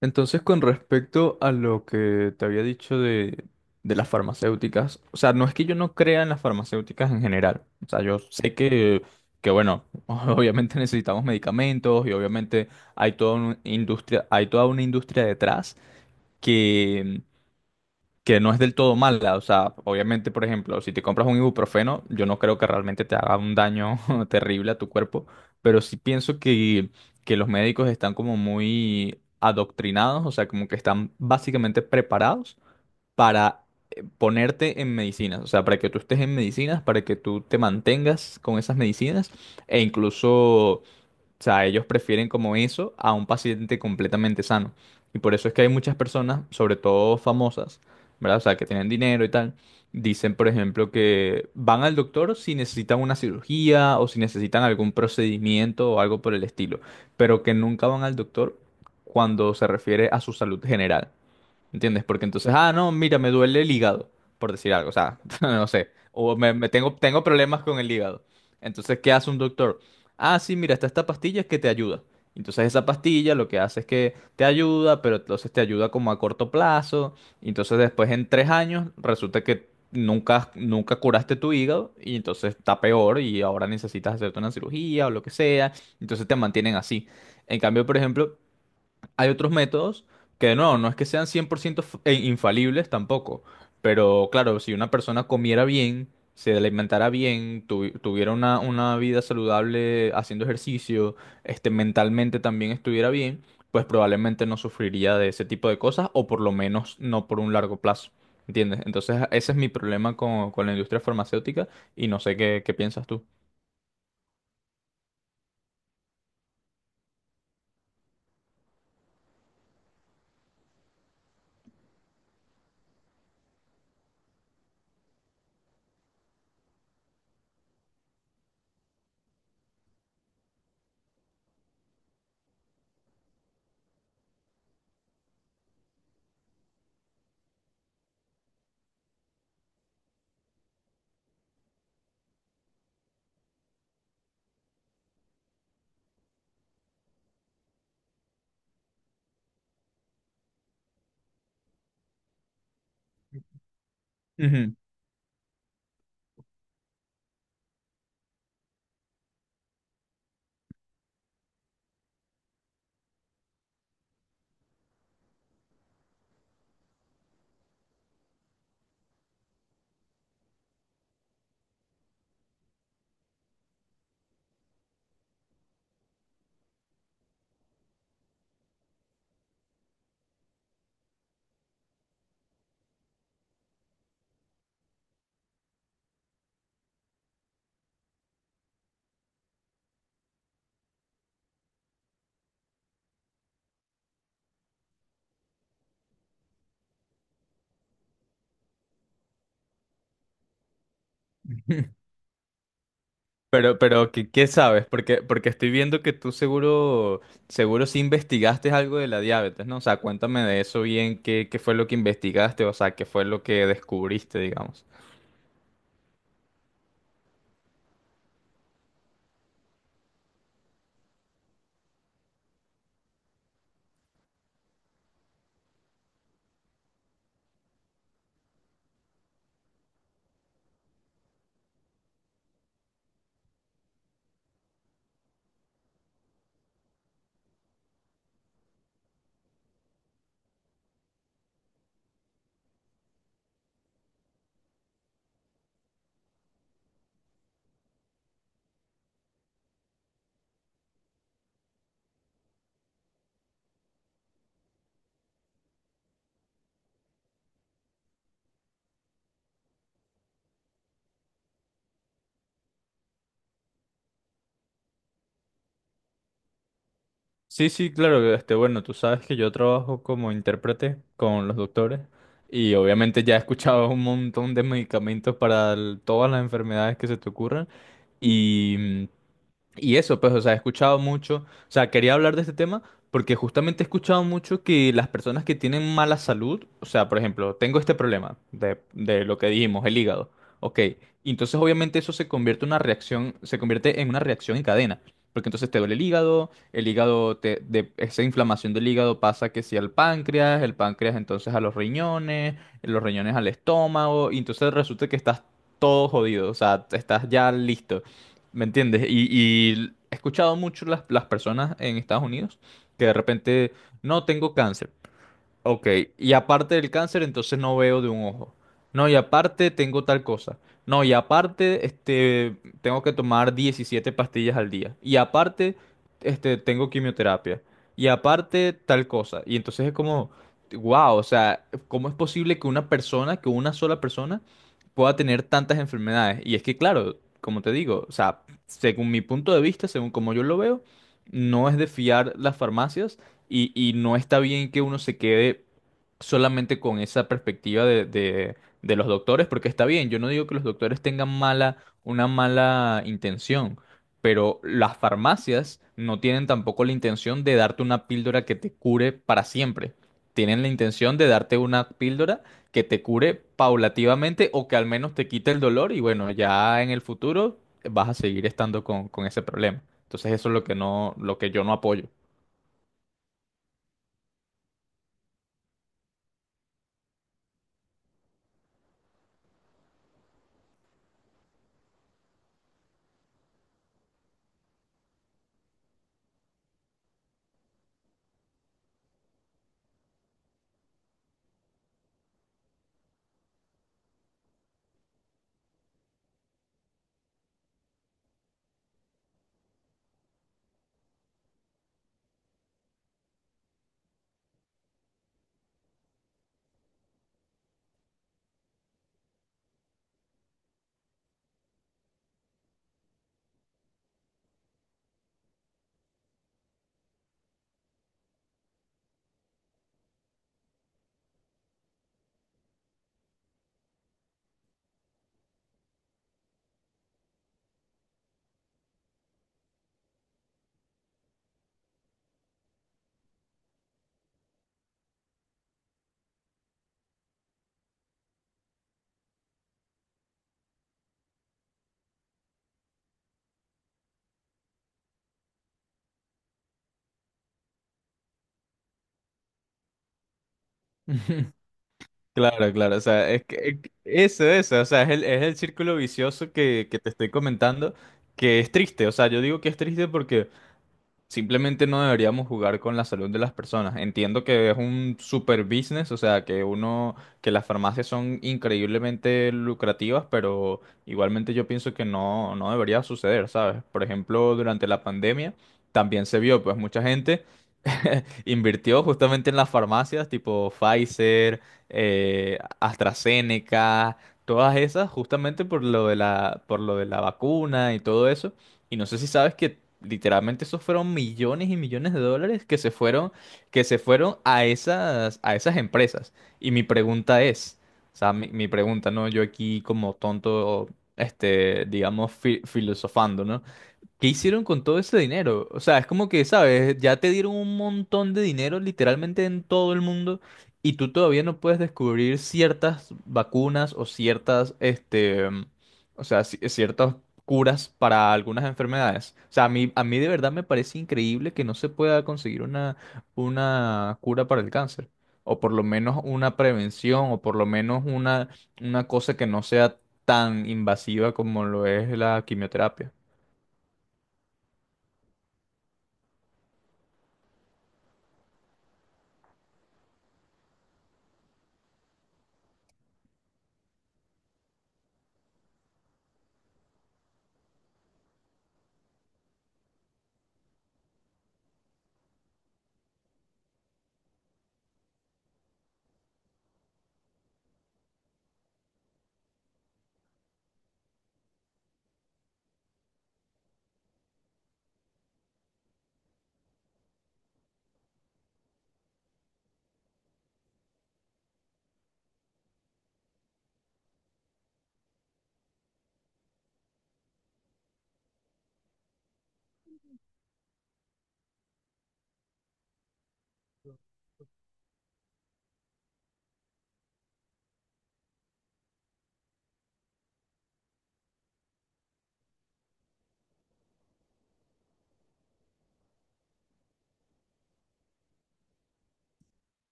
Entonces, con respecto a lo que te había dicho de las farmacéuticas, o sea, no es que yo no crea en las farmacéuticas en general. O sea, yo sé que bueno, obviamente necesitamos medicamentos y obviamente hay toda una industria detrás que no es del todo mala. O sea, obviamente, por ejemplo, si te compras un ibuprofeno, yo no creo que realmente te haga un daño terrible a tu cuerpo, pero sí pienso que los médicos están como muy adoctrinados, o sea, como que están básicamente preparados para ponerte en medicinas, o sea, para que tú estés en medicinas, para que tú te mantengas con esas medicinas e incluso... O sea, ellos prefieren como eso a un paciente completamente sano. Y por eso es que hay muchas personas, sobre todo famosas, ¿verdad? O sea, que tienen dinero y tal, dicen, por ejemplo, que van al doctor si necesitan una cirugía o si necesitan algún procedimiento o algo por el estilo, pero que nunca van al doctor cuando se refiere a su salud general. ¿Entiendes? Porque entonces, ah, no, mira, me duele el hígado, por decir algo, o sea, no sé, o tengo problemas con el hígado. Entonces, ¿qué hace un doctor? Ah, sí, mira, está esta pastilla que te ayuda. Entonces, esa pastilla lo que hace es que te ayuda, pero entonces te ayuda como a corto plazo. Y entonces, después en tres años, resulta que nunca curaste tu hígado y entonces está peor y ahora necesitas hacerte una cirugía o lo que sea. Entonces, te mantienen así. En cambio, por ejemplo... Hay otros métodos que no es que sean 100% infalibles tampoco, pero claro, si una persona comiera bien, se alimentara bien, tuviera una vida saludable haciendo ejercicio, este, mentalmente también estuviera bien, pues probablemente no sufriría de ese tipo de cosas o por lo menos no por un largo plazo. ¿Entiendes? Entonces ese es mi problema con la industria farmacéutica y no sé qué piensas tú. Ujú. Pero, ¿qué sabes? Porque estoy viendo que tú seguro, seguro sí investigaste algo de la diabetes, ¿no? O sea, cuéntame de eso bien, qué fue lo que investigaste, o sea, qué fue lo que descubriste, digamos. Sí, sí, claro, este, bueno, tú sabes que yo trabajo como intérprete con los doctores y obviamente ya he escuchado un montón de medicamentos para todas las enfermedades que se te ocurran y y eso, pues, o sea, he escuchado mucho, o sea, quería hablar de este tema porque justamente he escuchado mucho que las personas que tienen mala salud, o sea, por ejemplo, tengo este problema de lo que dijimos, el hígado, ok, y entonces obviamente eso se convierte en una reacción, se convierte en una reacción en cadena, porque entonces te duele el hígado, de esa inflamación del hígado pasa que si al páncreas, el páncreas entonces a los riñones al estómago, y entonces resulta que estás todo jodido, o sea, estás ya listo. ¿Me entiendes? Y he escuchado mucho las personas en Estados Unidos que de repente, no tengo cáncer, ok, y aparte del cáncer, entonces no veo de un ojo. No, y aparte tengo tal cosa. No, y aparte, este, tengo que tomar 17 pastillas al día. Y aparte, este, tengo quimioterapia. Y aparte, tal cosa. Y entonces es como, wow, o sea, ¿cómo es posible que una persona, que una sola persona, pueda tener tantas enfermedades? Y es que, claro, como te digo, o sea, según mi punto de vista, según como yo lo veo, no es de fiar las farmacias y no está bien que uno se quede solamente con esa perspectiva de los doctores, porque está bien, yo no digo que los doctores tengan una mala intención, pero las farmacias no tienen tampoco la intención de darte una píldora que te cure para siempre. Tienen la intención de darte una píldora que te cure paulativamente o que al menos te quite el dolor y bueno, ya en el futuro vas a seguir estando con ese problema. Entonces eso es lo que no, lo que yo no apoyo. Claro, claro, o sea, es que eso, o sea, es el círculo vicioso que te estoy comentando, que es triste, o sea, yo digo que es triste porque simplemente no deberíamos jugar con la salud de las personas. Entiendo que es un super business, o sea, que uno, que las farmacias son increíblemente lucrativas, pero igualmente yo pienso que no debería suceder, ¿sabes? Por ejemplo, durante la pandemia también se vio, pues mucha gente invirtió justamente en las farmacias tipo Pfizer, AstraZeneca, todas esas, justamente por lo de por lo de la vacuna y todo eso. Y no sé si sabes que literalmente esos fueron millones y millones de dólares que se fueron a a esas empresas. Y mi pregunta es, o sea, mi pregunta, ¿no? Yo aquí como tonto, este, digamos, filosofando, ¿no? ¿Qué hicieron con todo ese dinero? O sea, es como que, ¿sabes? Ya te dieron un montón de dinero literalmente en todo el mundo y tú todavía no puedes descubrir ciertas vacunas o ciertas, este, o sea, ciertas curas para algunas enfermedades. O sea, a mí de verdad me parece increíble que no se pueda conseguir una cura para el cáncer. O por lo menos una prevención, o por lo menos una cosa que no sea tan invasiva como lo es la quimioterapia.